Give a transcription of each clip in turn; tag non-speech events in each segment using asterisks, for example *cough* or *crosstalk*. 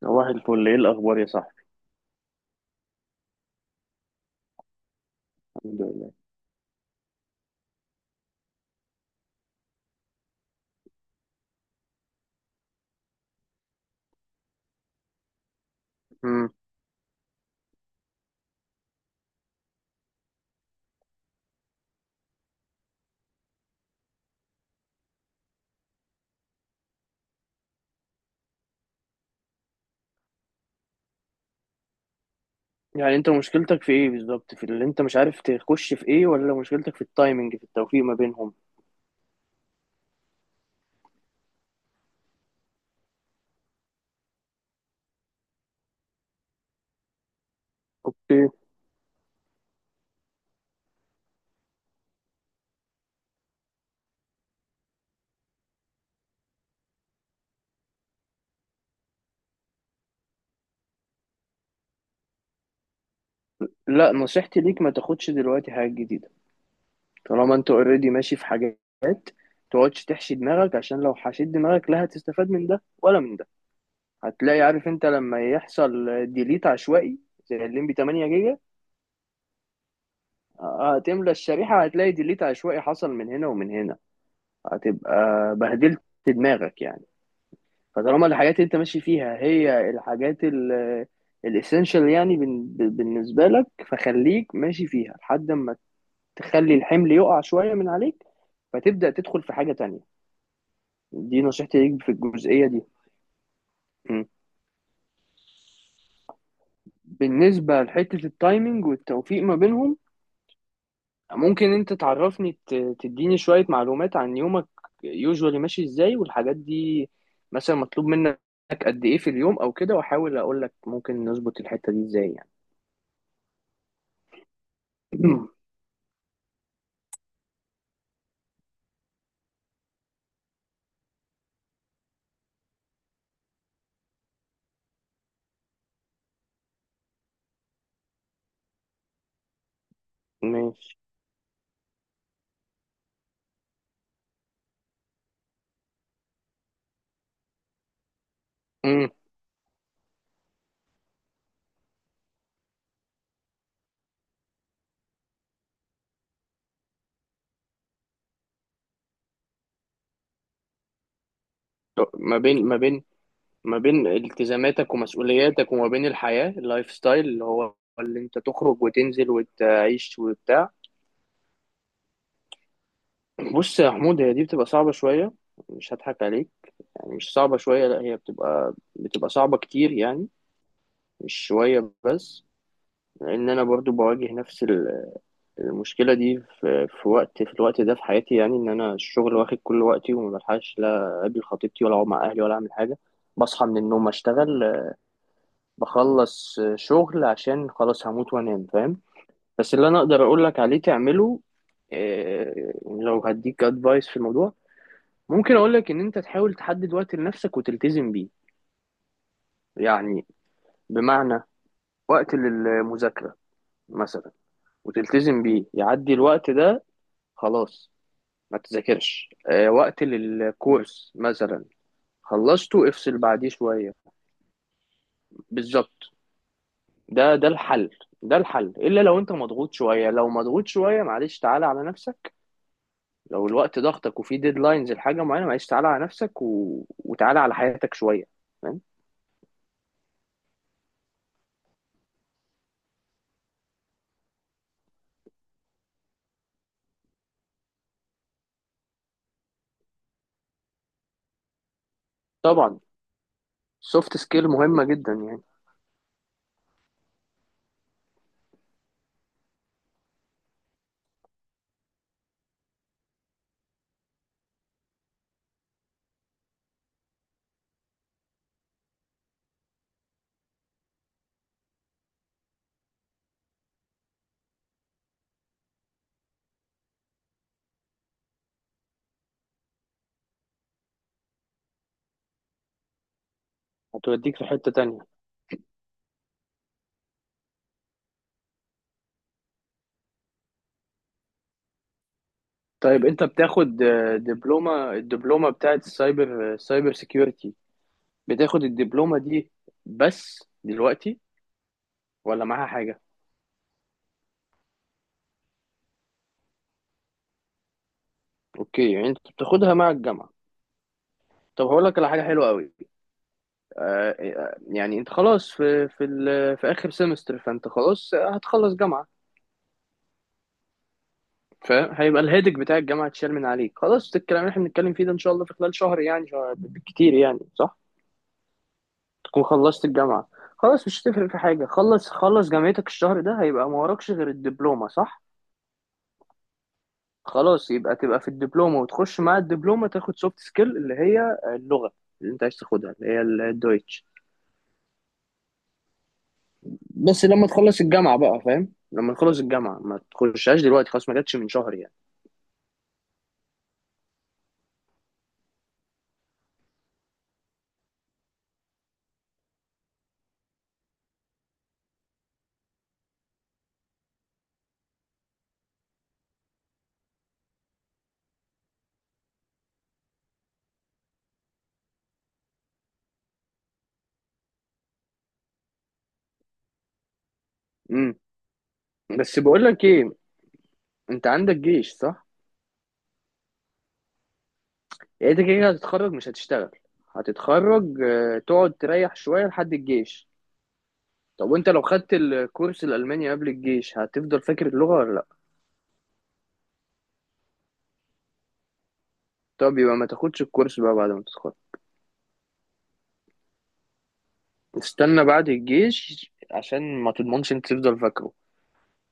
صباح الفل، ايه الاخبار يا صاحبي؟ الحمد لله. امم يعني انت مشكلتك في ايه بالظبط؟ في اللي انت مش عارف تخش في ايه، ولا مشكلتك في التايمنج في التوفيق ما بينهم؟ اوكي. لا، نصيحتي ليك ما تاخدش دلوقتي حاجات جديدة. طالما انت اوريدي ماشي في حاجات، تقعدش تحشي دماغك، عشان لو حشيت دماغك لا هتستفاد من ده ولا من ده. هتلاقي، عارف انت لما يحصل ديليت عشوائي زي الليمبي 8 جيجا؟ هتملى الشريحة، هتلاقي ديليت عشوائي حصل من هنا ومن هنا. هتبقى بهدلت دماغك يعني. فطالما الحاجات اللي انت ماشي فيها هي الحاجات الاسينشال يعني بالنسبه لك، فخليك ماشي فيها لحد ما تخلي الحمل يقع شويه من عليك، فتبدا تدخل في حاجه تانية. دي نصيحتي ليك في الجزئيه دي. م. بالنسبه لحته التايمينج والتوفيق ما بينهم، ممكن انت تعرفني تديني شويه معلومات عن يومك؟ يوجوالي ماشي ازاي والحاجات دي، مثلا مطلوب منك قد ايه في اليوم او كده، واحاول اقول لك ممكن نظبط الحته دي ازاي يعني. *clears throat* ماشي. مم. ما بين ما بين ما بين التزاماتك ومسؤولياتك، وما بين الحياة، اللايف ستايل اللي هو اللي انت تخرج وتنزل وتعيش وبتاع. بص يا حمود، هي دي بتبقى صعبة شوية، مش هضحك عليك. يعني مش صعبة شوية، لا هي بتبقى صعبة كتير يعني، مش شوية بس. لان انا برضو بواجه نفس المشكلة دي في الوقت ده في حياتي، يعني ان انا الشغل واخد كل وقتي، وما بلحقش لا اقابل خطيبتي ولا اقعد مع اهلي ولا اعمل حاجة. بصحى من النوم اشتغل، بخلص شغل عشان خلاص هموت وانام، فاهم؟ بس اللي انا اقدر اقول لك عليه تعمله، آه، لو هديك ادفايس في الموضوع، ممكن اقول لك ان انت تحاول تحدد وقت لنفسك وتلتزم بيه. يعني بمعنى، وقت للمذاكرة مثلا، وتلتزم بيه، يعدي الوقت ده خلاص ما تذاكرش. وقت للكورس مثلا، خلصته افصل بعديه شوية. بالظبط. ده الحل. ده الحل، الا لو انت مضغوط شويه، لو مضغوط شويه معلش تعالى على نفسك. لو الوقت ضغطك وفي ديدلاينز لحاجه معينه، معلش تعالى على نفسك وتعالى على حياتك شويه، فاهم؟ طبعا. سوفت سكيل مهمه جدا يعني. هتوديك في حته تانية. طيب انت بتاخد الدبلومه بتاعت سايبر سيكيورتي؟ بتاخد الدبلومه دي بس دلوقتي، ولا معاها حاجه؟ اوكي، يعني انت بتاخدها مع الجامعه. طب هقول لك على حاجه حلوه قوي. يعني انت خلاص في في اخر سمستر، فانت خلاص هتخلص جامعه، فاهم؟ هيبقى الهيدك بتاع الجامعه اتشال من عليك خلاص. الكلام اللي احنا بنتكلم فيه ده ان شاء الله في خلال شهر، يعني شهر بالكتير يعني، صح؟ تكون خلصت الجامعه. خلاص، مش هتفرق في حاجه، خلص خلص جامعتك الشهر ده، هيبقى ما وراكش غير الدبلومه، صح؟ خلاص، يبقى تبقى في الدبلومه، وتخش مع الدبلومه تاخد سوفت سكيل اللي هي اللغه اللي انت عايز تاخدها، اللي هي الدويتش. بس لما تخلص الجامعة بقى، فاهم؟ لما تخلص الجامعة، ما تخشهاش دلوقتي خلاص، ما جاتش من شهر يعني. امم. بس بقول لك ايه، انت عندك جيش صح؟ يعني انت كده كده هتتخرج مش هتشتغل، هتتخرج تقعد تريح شوية لحد الجيش. طب وانت لو خدت الكورس الألماني قبل الجيش، هتفضل فاكر اللغة ولا لا؟ طب يبقى ما تاخدش الكورس بقى بعد ما تتخرج. استنى بعد الجيش عشان ما تضمنش انت تفضل فاكره.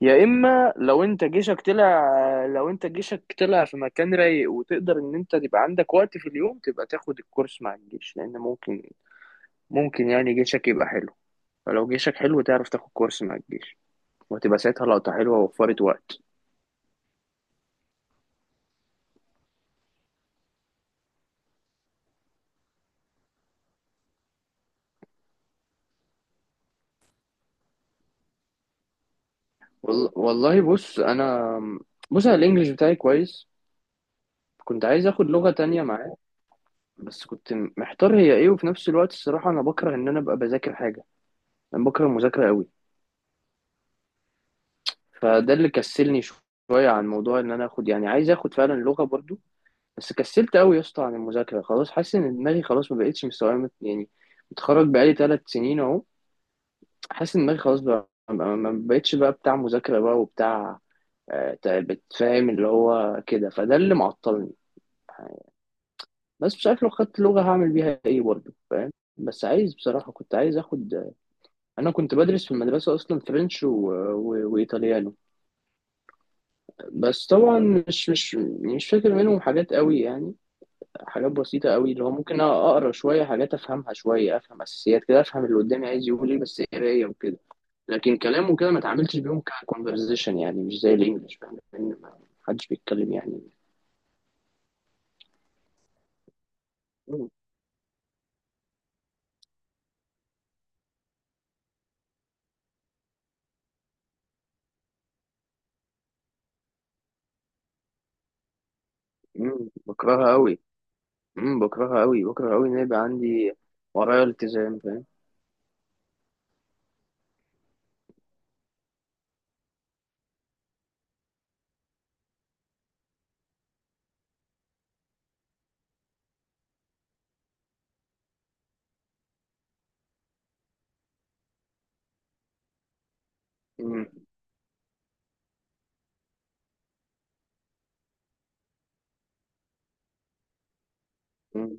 يا اما لو انت جيشك طلع، لو انت جيشك طلع في مكان رايق وتقدر ان انت تبقى عندك وقت في اليوم، تبقى تاخد الكورس مع الجيش، لان ممكن، ممكن يعني جيشك يبقى حلو. فلو جيشك حلو، تعرف تاخد كورس مع الجيش، وهتبقى ساعتها لقطة حلوة ووفرت وقت. والله بص انا، بص انا الانجليش بتاعي كويس. كنت عايز اخد لغة تانية معاه، بس كنت محتار هي ايه. وفي نفس الوقت الصراحة انا بكره ان انا ابقى بذاكر حاجة. انا بكره المذاكرة قوي، فده اللي كسلني شويه عن موضوع ان انا اخد، يعني عايز اخد فعلا لغه برضو، بس كسلت قوي يا اسطى عن المذاكره خلاص. حاسس ان دماغي خلاص ما بقتش مستوعبه يعني، متخرج بقالي ثلاث سنين اهو. حاسس ان دماغي خلاص بقى ما بقتش بقى بتاع مذاكره بقى وبتاع، بتفهم اللي هو كده، فده اللي معطلني. بس مش عارف لو خدت لغة هعمل بيها ايه برضه، فاهم؟ بس عايز بصراحة، كنت عايز اخد، انا كنت بدرس في المدرسة اصلا فرنش وايطاليانو. بس طبعا مش مش مش فاكر منهم حاجات قوي يعني، حاجات بسيطة قوي، اللي هو ممكن أقرأ شوية حاجات أفهمها شوية، أفهم أساسيات كده، أفهم اللي قدامي عايز يقول إيه، بس قراية وكده. لكن كلام وكده ما اتعاملتش بيهم ككونفرزيشن، يعني مش زي الإنجليش، فاهم؟ لأن ما حدش بيتكلم يعني. مم. مم، بكرهها قوي مم، بكرهها قوي، بكره قوي إن أنا يبقى عندي ورايا التزام، فاهم؟ مم. مم.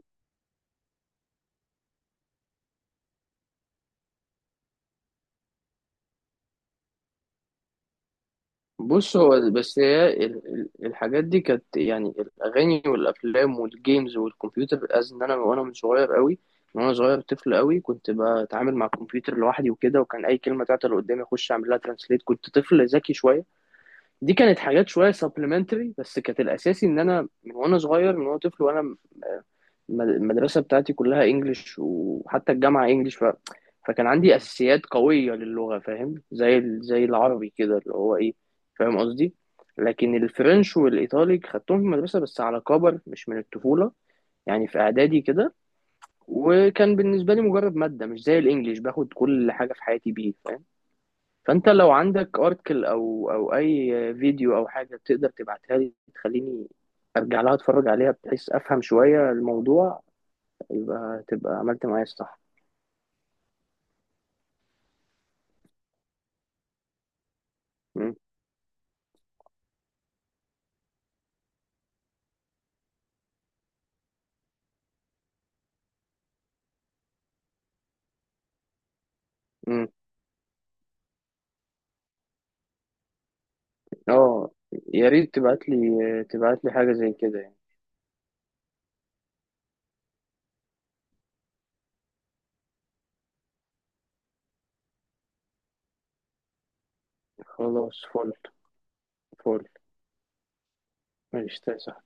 بص، هو بس هي الحاجات دي كانت يعني الاغاني والافلام والجيمز والكمبيوتر، از ان انا وانا من صغير قوي، من وانا صغير طفل قوي كنت بتعامل مع الكمبيوتر لوحدي وكده، وكان اي كلمه تعطل قدامي اخش اعمل لها ترانسليت. كنت طفل ذكي شويه. دي كانت حاجات شويه سبلمنتري، بس كانت الاساسي ان انا من وانا صغير، من وانا طفل، وانا المدرسة بتاعتي كلها انجليش، وحتى الجامعة انجليش. فكان عندي اساسيات قوية للغة، فاهم؟ زي زي العربي كده اللي هو ايه، فاهم قصدي؟ لكن الفرنش والايطالي خدتهم في المدرسة بس على كبر، مش من الطفولة، يعني في اعدادي كده، وكان بالنسبة لي مجرد مادة، مش زي الانجليش باخد كل حاجة في حياتي بيه، فاهم؟ فانت لو عندك ارتكل او او اي فيديو او حاجة تقدر تبعتها لي، تخليني ارجع لها اتفرج عليها بحيث افهم شوية الموضوع، يبقى تبقى عملت معايا الصح. مم. مم. اه، يا ريت تبعت لي حاجة زي كده يعني. خلاص فل. فل. ماشي، تسلم.